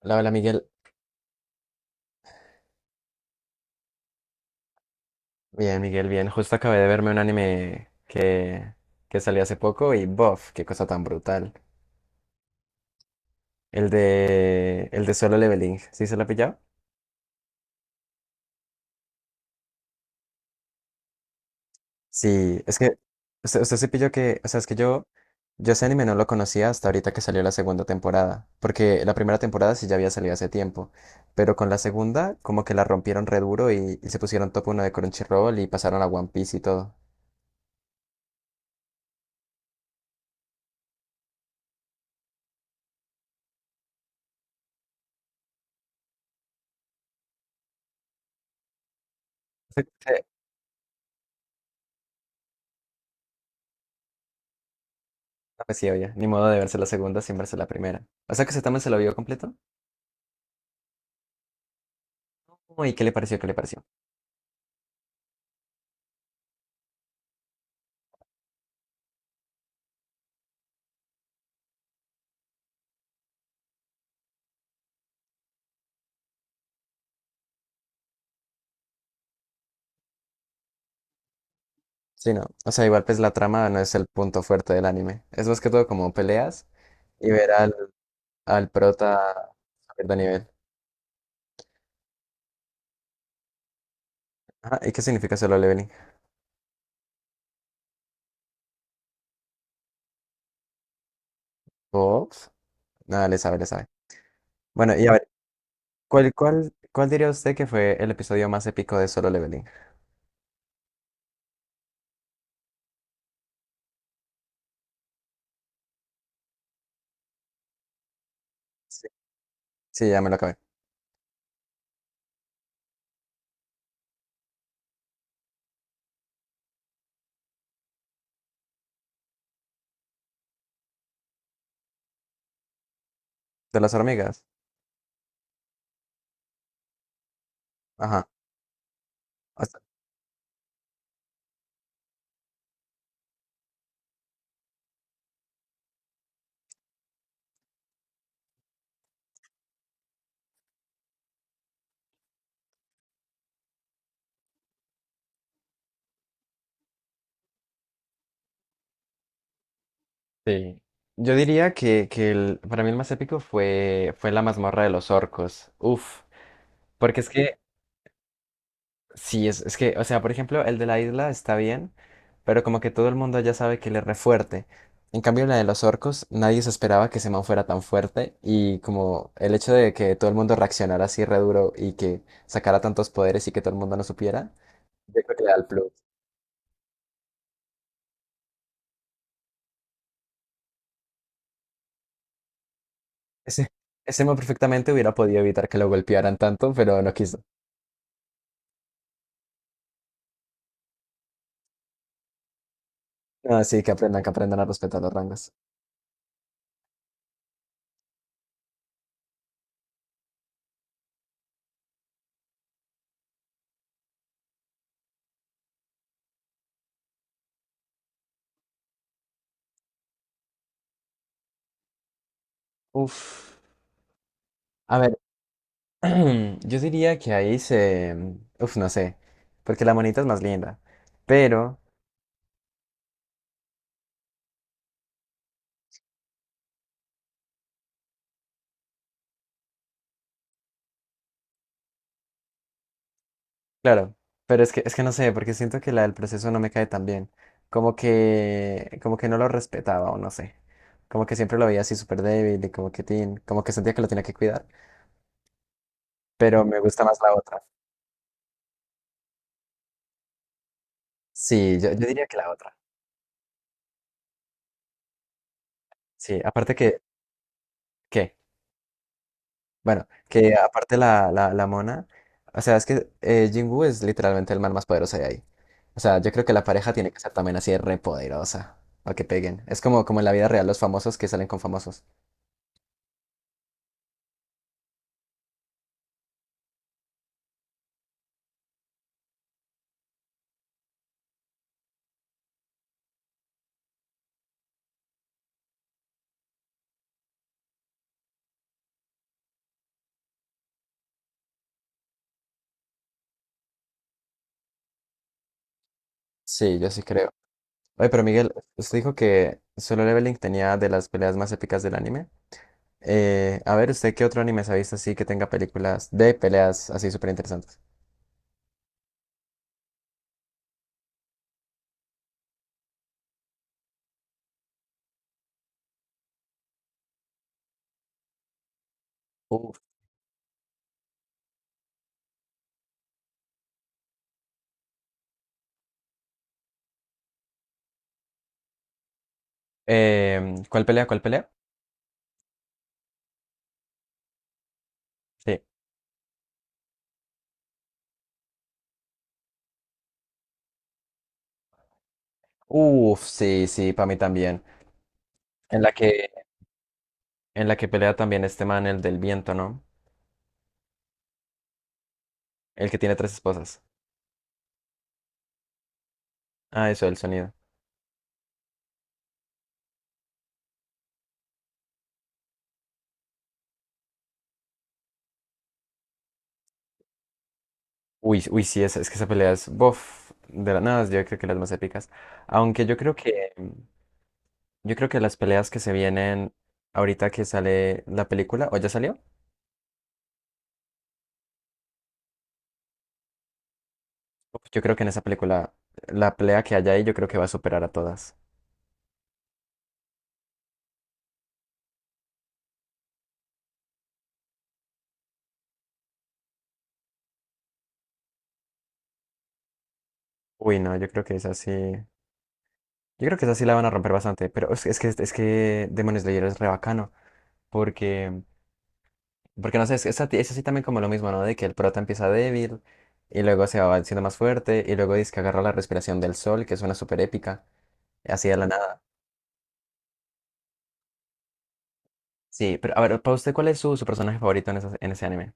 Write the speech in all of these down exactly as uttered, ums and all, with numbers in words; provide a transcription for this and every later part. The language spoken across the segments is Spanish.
Hola, hola Miguel. Bien, Miguel, bien. Justo acabé de verme un anime que, que salió hace poco y bof, qué cosa tan brutal. El de, el de Solo Leveling. ¿Sí se lo ha pillado? Sí, es que usted, usted se pilló que, o sea, es que yo, yo ese anime no lo conocía hasta ahorita que salió la segunda temporada, porque la primera temporada sí ya había salido hace tiempo, pero con la segunda como que la rompieron re duro y, y se pusieron top uno de Crunchyroll y pasaron a One Piece y todo. Sí, sí. No, pues sí, oye, ni modo de verse la segunda sin verse la primera. O sea que ese también se lo vio completo. Uy, ¿qué le pareció? ¿Qué le pareció? Sí, no. O sea, igual pues la trama no es el punto fuerte del anime. Es más que todo como peleas y ver al, al prota subir de nivel. Ajá, ¿y qué significa solo leveling? Ops. Nada, le sabe, le sabe. Bueno, y a ver, ¿cuál, cuál, cuál diría usted que fue el episodio más épico de Solo Leveling? Sí, sí, ya me lo acabé. ¿De las hormigas? Ajá. Sí. Yo diría que, que el- para mí el más épico fue, fue la mazmorra de los orcos. Uf. Porque es que, sí, es, es que, o sea, por ejemplo, el de la isla está bien, pero como que todo el mundo ya sabe que él es re fuerte. En cambio, la de los orcos, nadie se esperaba que ese man fuera tan fuerte. Y como el hecho de que todo el mundo reaccionara así re duro y que sacara tantos poderes y que todo el mundo no supiera, yo creo que le da el plus. Ese, ese man perfectamente hubiera podido evitar que lo golpearan tanto, pero no quiso. Ah, sí, que aprendan, que aprendan a respetar los rangos. Uf. A ver, yo diría que ahí se... Uf, no sé, porque la monita es más linda. Pero, claro, pero es que, es que no sé, porque siento que la del proceso no me cae tan bien. Como que, como que no lo respetaba o no sé. Como que siempre lo veía así súper débil y como que, tin, como que sentía que lo tenía que cuidar. Pero me gusta más la otra. Sí, yo, yo diría que la otra. Sí, aparte que... ¿Qué? Bueno, que aparte la, la, la mona, o sea, es que eh, Jinwoo es literalmente el man más poderoso de ahí. O sea, yo creo que la pareja tiene que ser también así de re poderosa, o que peguen. Es como, como en la vida real los famosos que salen con famosos. Sí, yo sí creo. Oye, pero Miguel, usted dijo que Solo Leveling tenía de las peleas más épicas del anime. Eh, a ver, ¿usted qué otro anime se ha visto así que tenga películas de peleas así súper interesantes? Uf. Em, ¿cuál pelea? ¿Cuál pelea? Sí. Uf, sí, sí, para mí también. En la que En la que pelea también este man, el del viento, ¿no? El que tiene tres esposas. Ah, eso, el sonido. Uy, uy, sí, es, es que esa pelea es, bof, de las nada, yo creo que las más épicas. Aunque yo creo que, yo creo que las peleas que se vienen ahorita que sale la película, o ya salió, uf, yo creo que en esa película, la pelea que haya ahí, yo creo que va a superar a todas. Uy, no, yo creo que es así, yo creo que esa sí la van a romper bastante, pero es, es que, es que Demon Slayer es re bacano, porque Porque no sé, es, es, a- es así también como lo mismo, ¿no? De que el prota empieza débil y luego se va haciendo más fuerte y luego dice que agarra la respiración del sol, que suena súper épica, así de la nada. Sí, pero a ver, para usted, ¿cuál es su, su personaje favorito en, esa- en ese anime?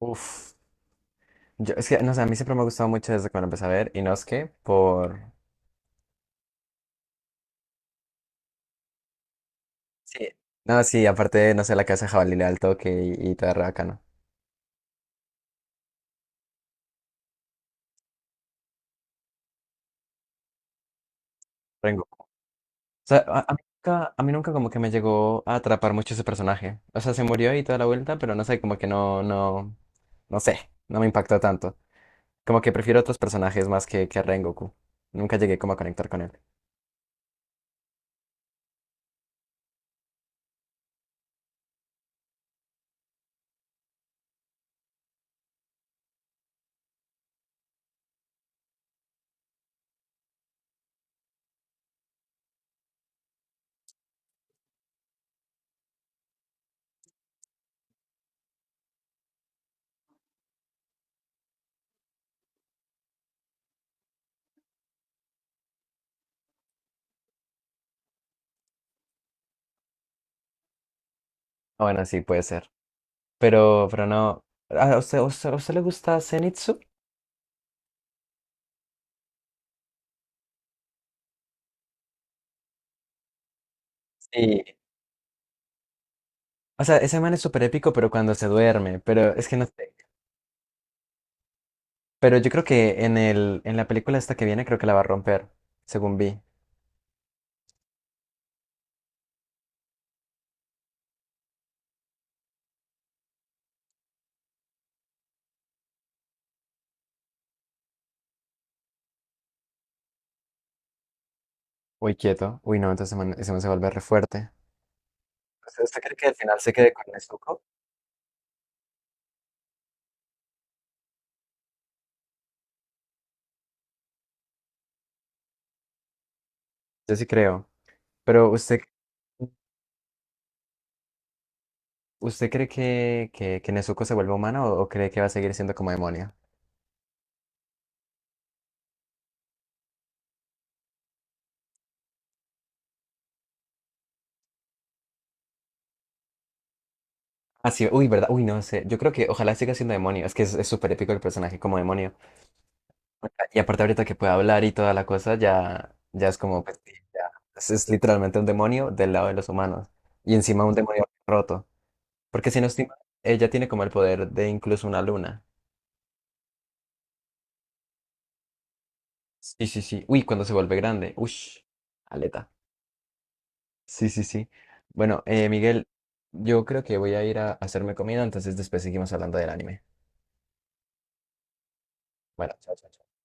Uf. Yo, es que, no sé, a mí siempre me ha gustado mucho desde que me lo empecé a ver y no es que por... Sí. No, sí, aparte, no sé, la casa de jabalí le da el toque y, y todo re bacano. O sea, a, a mí nunca, a mí nunca como que me llegó a atrapar mucho ese personaje. O sea, se murió y toda la vuelta, pero no sé, como que no, no, no sé, no me impactó tanto. Como que prefiero otros personajes más que, que a Rengoku. Nunca llegué como a conectar con él. Ah, bueno, sí, puede ser. Pero, pero no. ¿A usted, a usted, a usted le gusta Zenitsu? Sí. O sea, ese man es súper épico, pero cuando se duerme, pero es que no sé. Pero yo creo que en el, en la película esta que viene, creo que la va a romper, según vi. Uy, quieto. Uy, no, entonces ese man, ese man se vuelve re fuerte. ¿Usted usted cree que al final se quede con Nezuko? Yo sí creo. Pero usted, ¿usted cree que, que, que Nezuko se vuelve humana o, o cree que va a seguir siendo como demonio? Ah, sí, uy, ¿verdad? Uy, no sé. Yo creo que ojalá siga siendo demonio. Es que es es súper épico el personaje como demonio. Y aparte ahorita que puede hablar y toda la cosa, ya, ya es como, pues, sí, ya. Es, es literalmente un demonio del lado de los humanos. Y encima un demonio roto. Porque si no estoy mal, ella tiene como el poder de incluso una luna. Sí, sí, sí. Uy, cuando se vuelve grande. Ush, aleta. Sí, sí, sí. Bueno, eh, Miguel, yo creo que voy a ir a hacerme comida, entonces después seguimos hablando del anime. Bueno, chao, chao, chao.